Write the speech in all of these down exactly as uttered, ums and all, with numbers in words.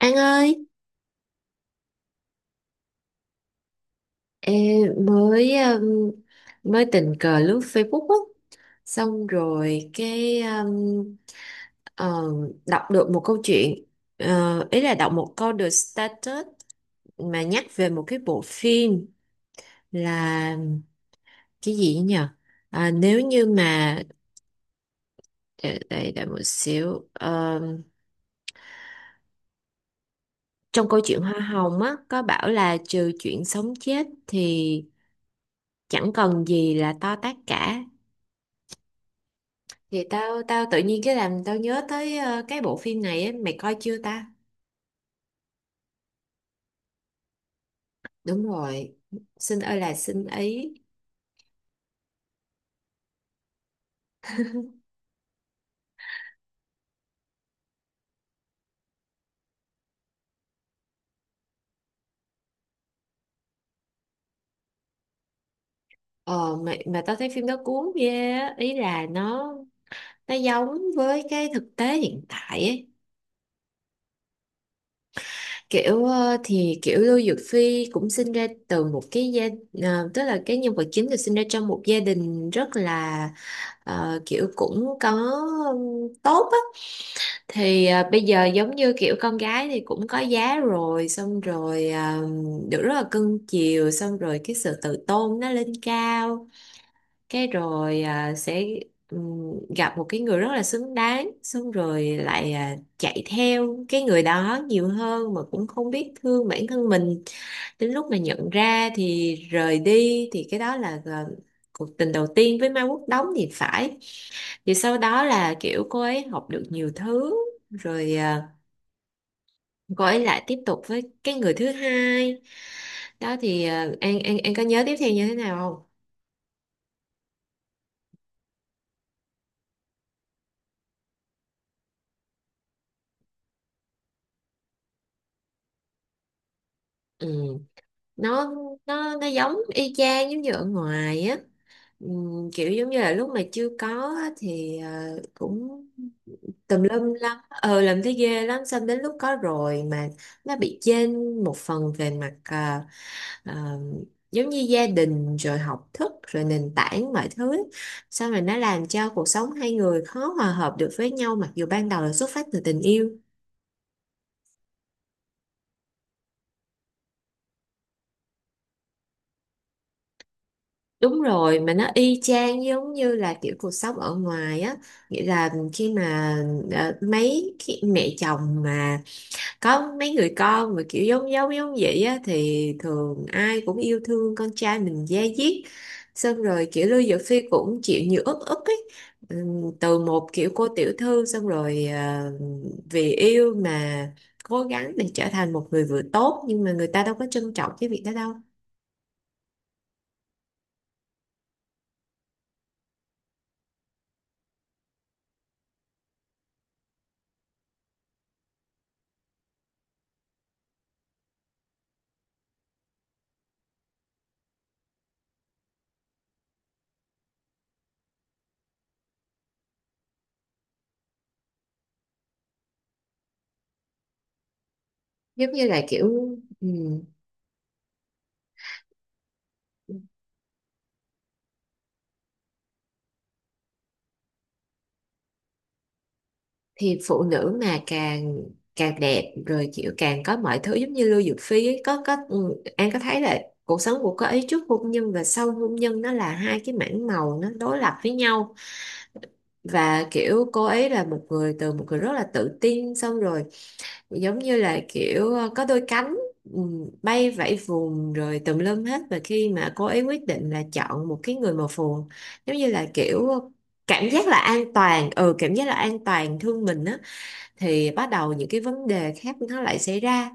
An ơi, ê, mới um, mới tình cờ lướt Facebook á, xong rồi cái um, ờ, đọc được một câu chuyện. Ờ, ý là đọc một câu được status mà nhắc về một cái bộ phim là cái gì nhỉ? À, nếu như mà để, để, để một xíu. Ờ, trong câu chuyện Hoa Hồng á có bảo là trừ chuyện sống chết thì chẳng còn gì là to tát cả. Vậy tao tao tự nhiên cái làm tao nhớ tới ờ, cái bộ phim này ấy, mày coi chưa ta? Đúng rồi. Xin ơi là xin ấy. Ờ mà, mà tao thấy phim đó cuốn ghê á, ý là nó nó giống với cái thực tế hiện tại ấy. Kiểu ờ, thì kiểu Lưu Dược Phi cũng sinh ra từ một cái gia ờ, tức là cái nhân vật chính được sinh ra trong một gia đình rất là ờ, kiểu cũng có ừm, tốt á, thì à, bây giờ giống như kiểu con gái thì cũng có giá rồi, xong rồi à, được rất là cưng chiều, xong rồi cái sự tự tôn nó lên cao, cái rồi à, sẽ ừm, gặp một cái người rất là xứng đáng, xong rồi lại à, chạy theo cái người đó nhiều hơn mà cũng không biết thương bản thân mình. Đến lúc mà nhận ra thì rời đi, thì cái đó là à, cuộc tình đầu tiên với Mai Quốc Đống thì phải. Thì sau đó là kiểu cô ấy học được nhiều thứ rồi, à, quay lại tiếp tục với cái người thứ hai đó thì ờ, An An An có nhớ tiếp theo như thế nào không? Ừ. Nó nó nó giống y chang giống như ở ngoài á. Ừm, kiểu giống như là lúc mà chưa có á, thì ờ, cũng tùm lum lắm, ờ làm thấy ghê lắm, xong đến lúc có rồi mà nó bị chênh một phần về mặt à, à, giống như gia đình rồi học thức rồi nền tảng mọi thứ, xong rồi nó làm cho cuộc sống hai người khó hòa hợp được với nhau, mặc dù ban đầu là xuất phát từ tình yêu. Đúng rồi, mà nó y chang giống như là kiểu cuộc sống ở ngoài á, nghĩa là khi mà ờ, mấy khi mẹ chồng mà có mấy người con mà kiểu giống giống giống vậy á thì thường ai cũng yêu thương con trai mình da diết, xong rồi kiểu Lưu Dược Phi cũng chịu nhiều ức ức ấy. Ừm, từ một kiểu cô tiểu thư, xong rồi à, vì yêu mà cố gắng để trở thành một người vợ tốt, nhưng mà người ta đâu có trân trọng cái việc đó đâu. Giống như là kiểu ừm, thì phụ nữ mà càng càng đẹp rồi kiểu càng có mọi thứ giống như Lưu Dược Phi ấy, có có ừ, An có thấy là cuộc sống của cô ấy trước hôn nhân và sau hôn nhân nó là hai cái mảng màu nó đối lập với nhau, và kiểu cô ấy là một người từ một người rất là tự tin, xong rồi giống như là kiểu ờ, có đôi cánh ừm, bay vẫy vùng rồi tùm lum hết. Và khi mà cô ấy quyết định là chọn một cái người màu phù, giống như là kiểu cảm giác là an toàn, ừ cảm giác là an toàn thương mình á, thì bắt đầu những cái vấn đề khác nó lại xảy ra.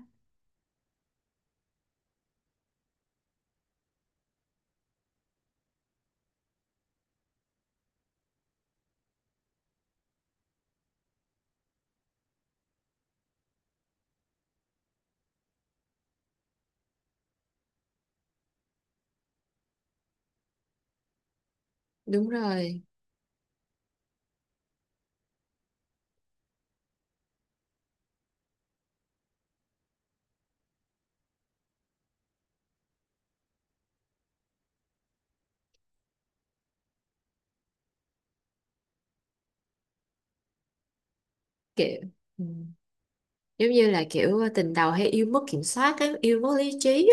Đúng rồi kiểu ừ. Giống như là kiểu tình đầu hay yêu mất kiểm soát á, yêu mất lý trí.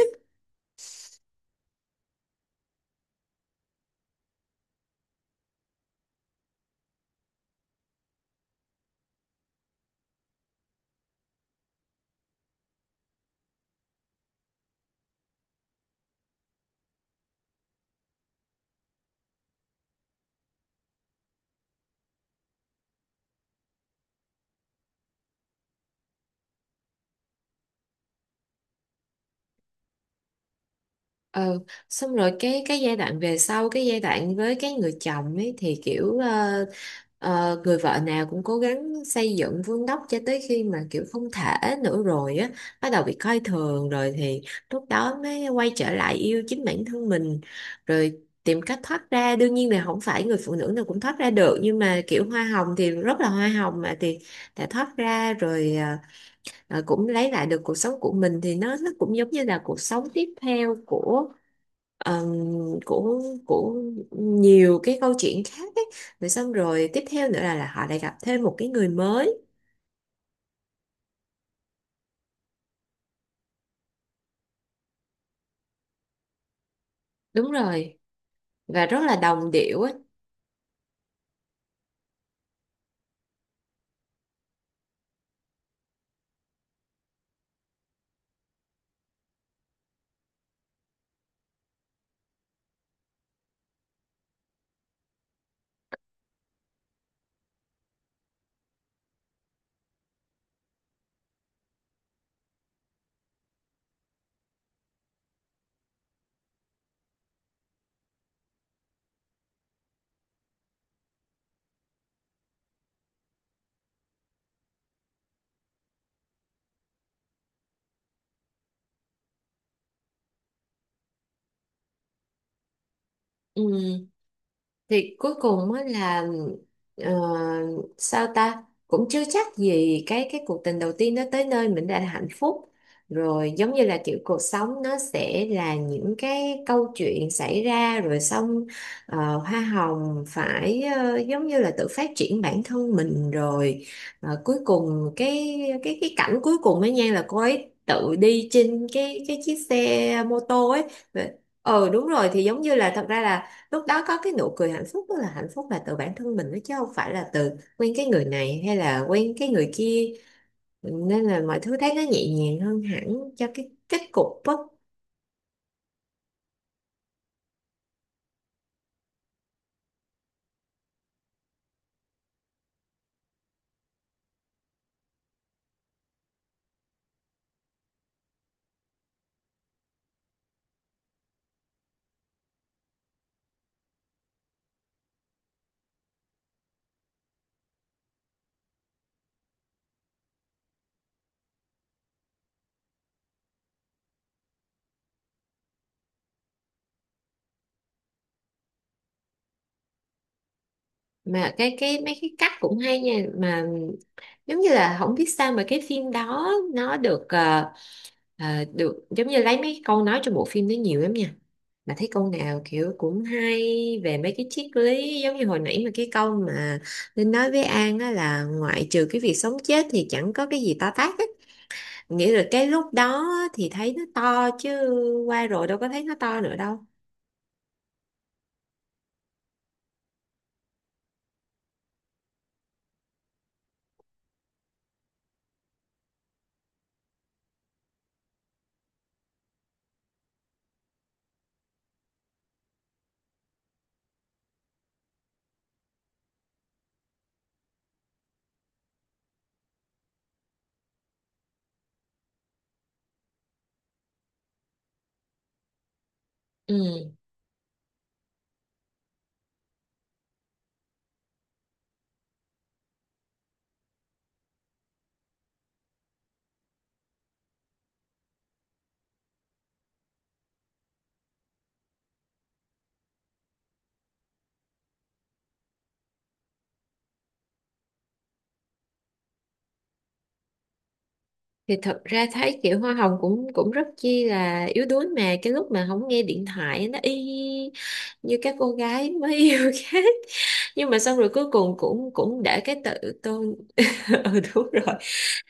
Ừ, xong rồi cái cái giai đoạn về sau cái giai đoạn với cái người chồng ấy thì kiểu ờ, ờ, người vợ nào cũng cố gắng xây dựng vun đắp cho tới khi mà kiểu không thể nữa rồi á, bắt đầu bị coi thường rồi thì lúc đó mới quay trở lại yêu chính bản thân mình, rồi tìm cách thoát ra. Đương nhiên là không phải người phụ nữ nào cũng thoát ra được, nhưng mà kiểu hoa hồng thì rất là hoa hồng mà, thì đã thoát ra rồi ờ, ờ, cũng lấy lại được cuộc sống của mình, thì nó nó cũng giống như là cuộc sống tiếp theo của ờm, của của nhiều cái câu chuyện khác ấy. Rồi xong rồi tiếp theo nữa là, là họ lại gặp thêm một cái người mới. Đúng rồi, và rất là đồng điệu ấy. Ừ. Thì cuối cùng á là ờ, sao ta, cũng chưa chắc gì cái cái cuộc tình đầu tiên nó tới nơi mình đã là hạnh phúc. Rồi giống như là kiểu cuộc sống nó sẽ là những cái câu chuyện xảy ra rồi xong ờ, hoa hồng phải ờ, giống như là tự phát triển bản thân mình rồi. Ờ, cuối cùng cái cái cái cảnh cuối cùng ấy nha là cô ấy tự đi trên cái cái chiếc xe mô tô ấy, ờ đúng rồi, thì giống như là thật ra là lúc đó có cái nụ cười hạnh phúc, tức là hạnh phúc là từ bản thân mình đó chứ không phải là từ quen cái người này hay là quen cái người kia, nên là mọi thứ thấy nó nhẹ nhàng hơn hẳn cho cái kết cục á. Mà cái cái mấy cái cách cũng hay nha, mà giống như là không biết sao mà cái phim đó nó được ờ, Ờ, được giống như lấy mấy câu nói trong bộ phim đấy nhiều lắm nha, mà thấy câu nào kiểu cũng hay về mấy cái triết lý. Giống như hồi nãy mà cái câu mà Linh nói với An á, là ngoại trừ cái việc sống chết thì chẳng có cái gì to tát á, nghĩa là cái lúc đó thì thấy nó to chứ, qua rồi đâu có thấy nó to nữa đâu. Ừ, thì thật ra thấy kiểu hoa hồng cũng cũng rất chi là yếu đuối, mà cái lúc mà không nghe điện thoại nó y như các cô gái mới yêu khác. Nhưng mà xong rồi cuối cùng cũng cũng để cái tự tôn. Ừ đúng rồi,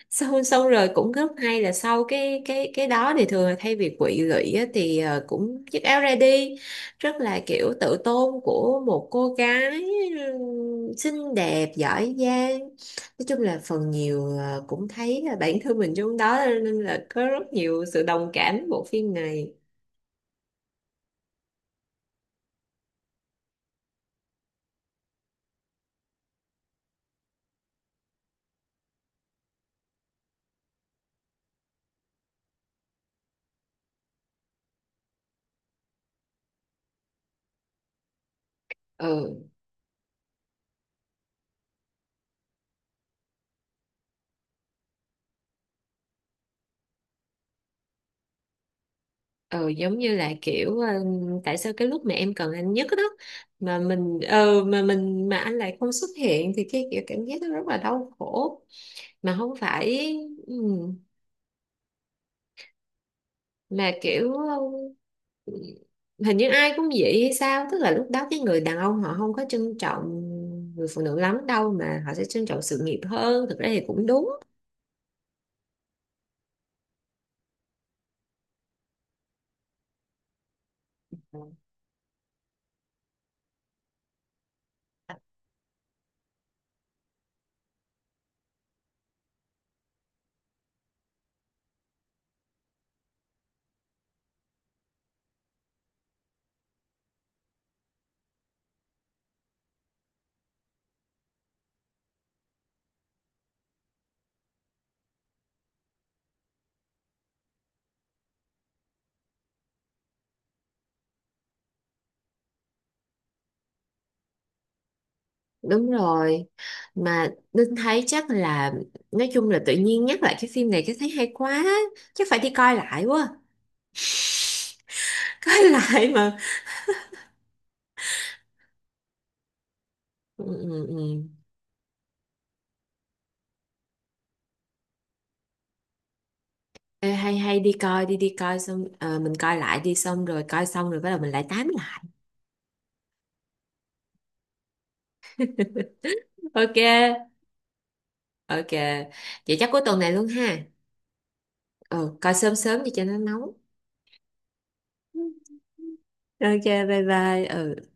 xong xong rồi cũng rất hay là sau cái cái cái đó thì thường là thay vì quỵ lụy á, thì ờ, cũng chiếc áo ra đi, rất là kiểu tự tôn của một cô gái ừm, xinh đẹp giỏi giang. Nói chung là phần nhiều ờ, cũng thấy là bản thân mình trong đó, nên là có rất nhiều sự đồng cảm với bộ phim này. Ừ ừ Giống như là kiểu ờ, tại sao cái lúc mà em cần anh nhất đó, mà mình ờ mà mình mà anh lại không xuất hiện, thì cái kiểu cảm giác nó rất là đau khổ, mà không phải ừ, mà kiểu ừ, hình như ai cũng vậy hay sao, tức là lúc đó cái người đàn ông họ không có trân trọng người phụ nữ lắm đâu, mà họ sẽ trân trọng sự nghiệp hơn, thực ra thì cũng đúng. Đúng rồi, mà Linh thấy chắc là nói chung là tự nhiên nhắc lại cái phim này cái thấy hay quá, chắc phải đi coi lại quá. Coi lại mà. Ừ, ừ, ừ. Ê, hay hay đi coi đi, đi coi xong ờ, mình coi lại đi, xong rồi coi xong rồi bắt đầu mình lại tám lại. Ok. Ok, vậy chắc cuối tuần này luôn ha. Ừ coi sớm sớm đi cho nó nóng. Ok bye bye ừ.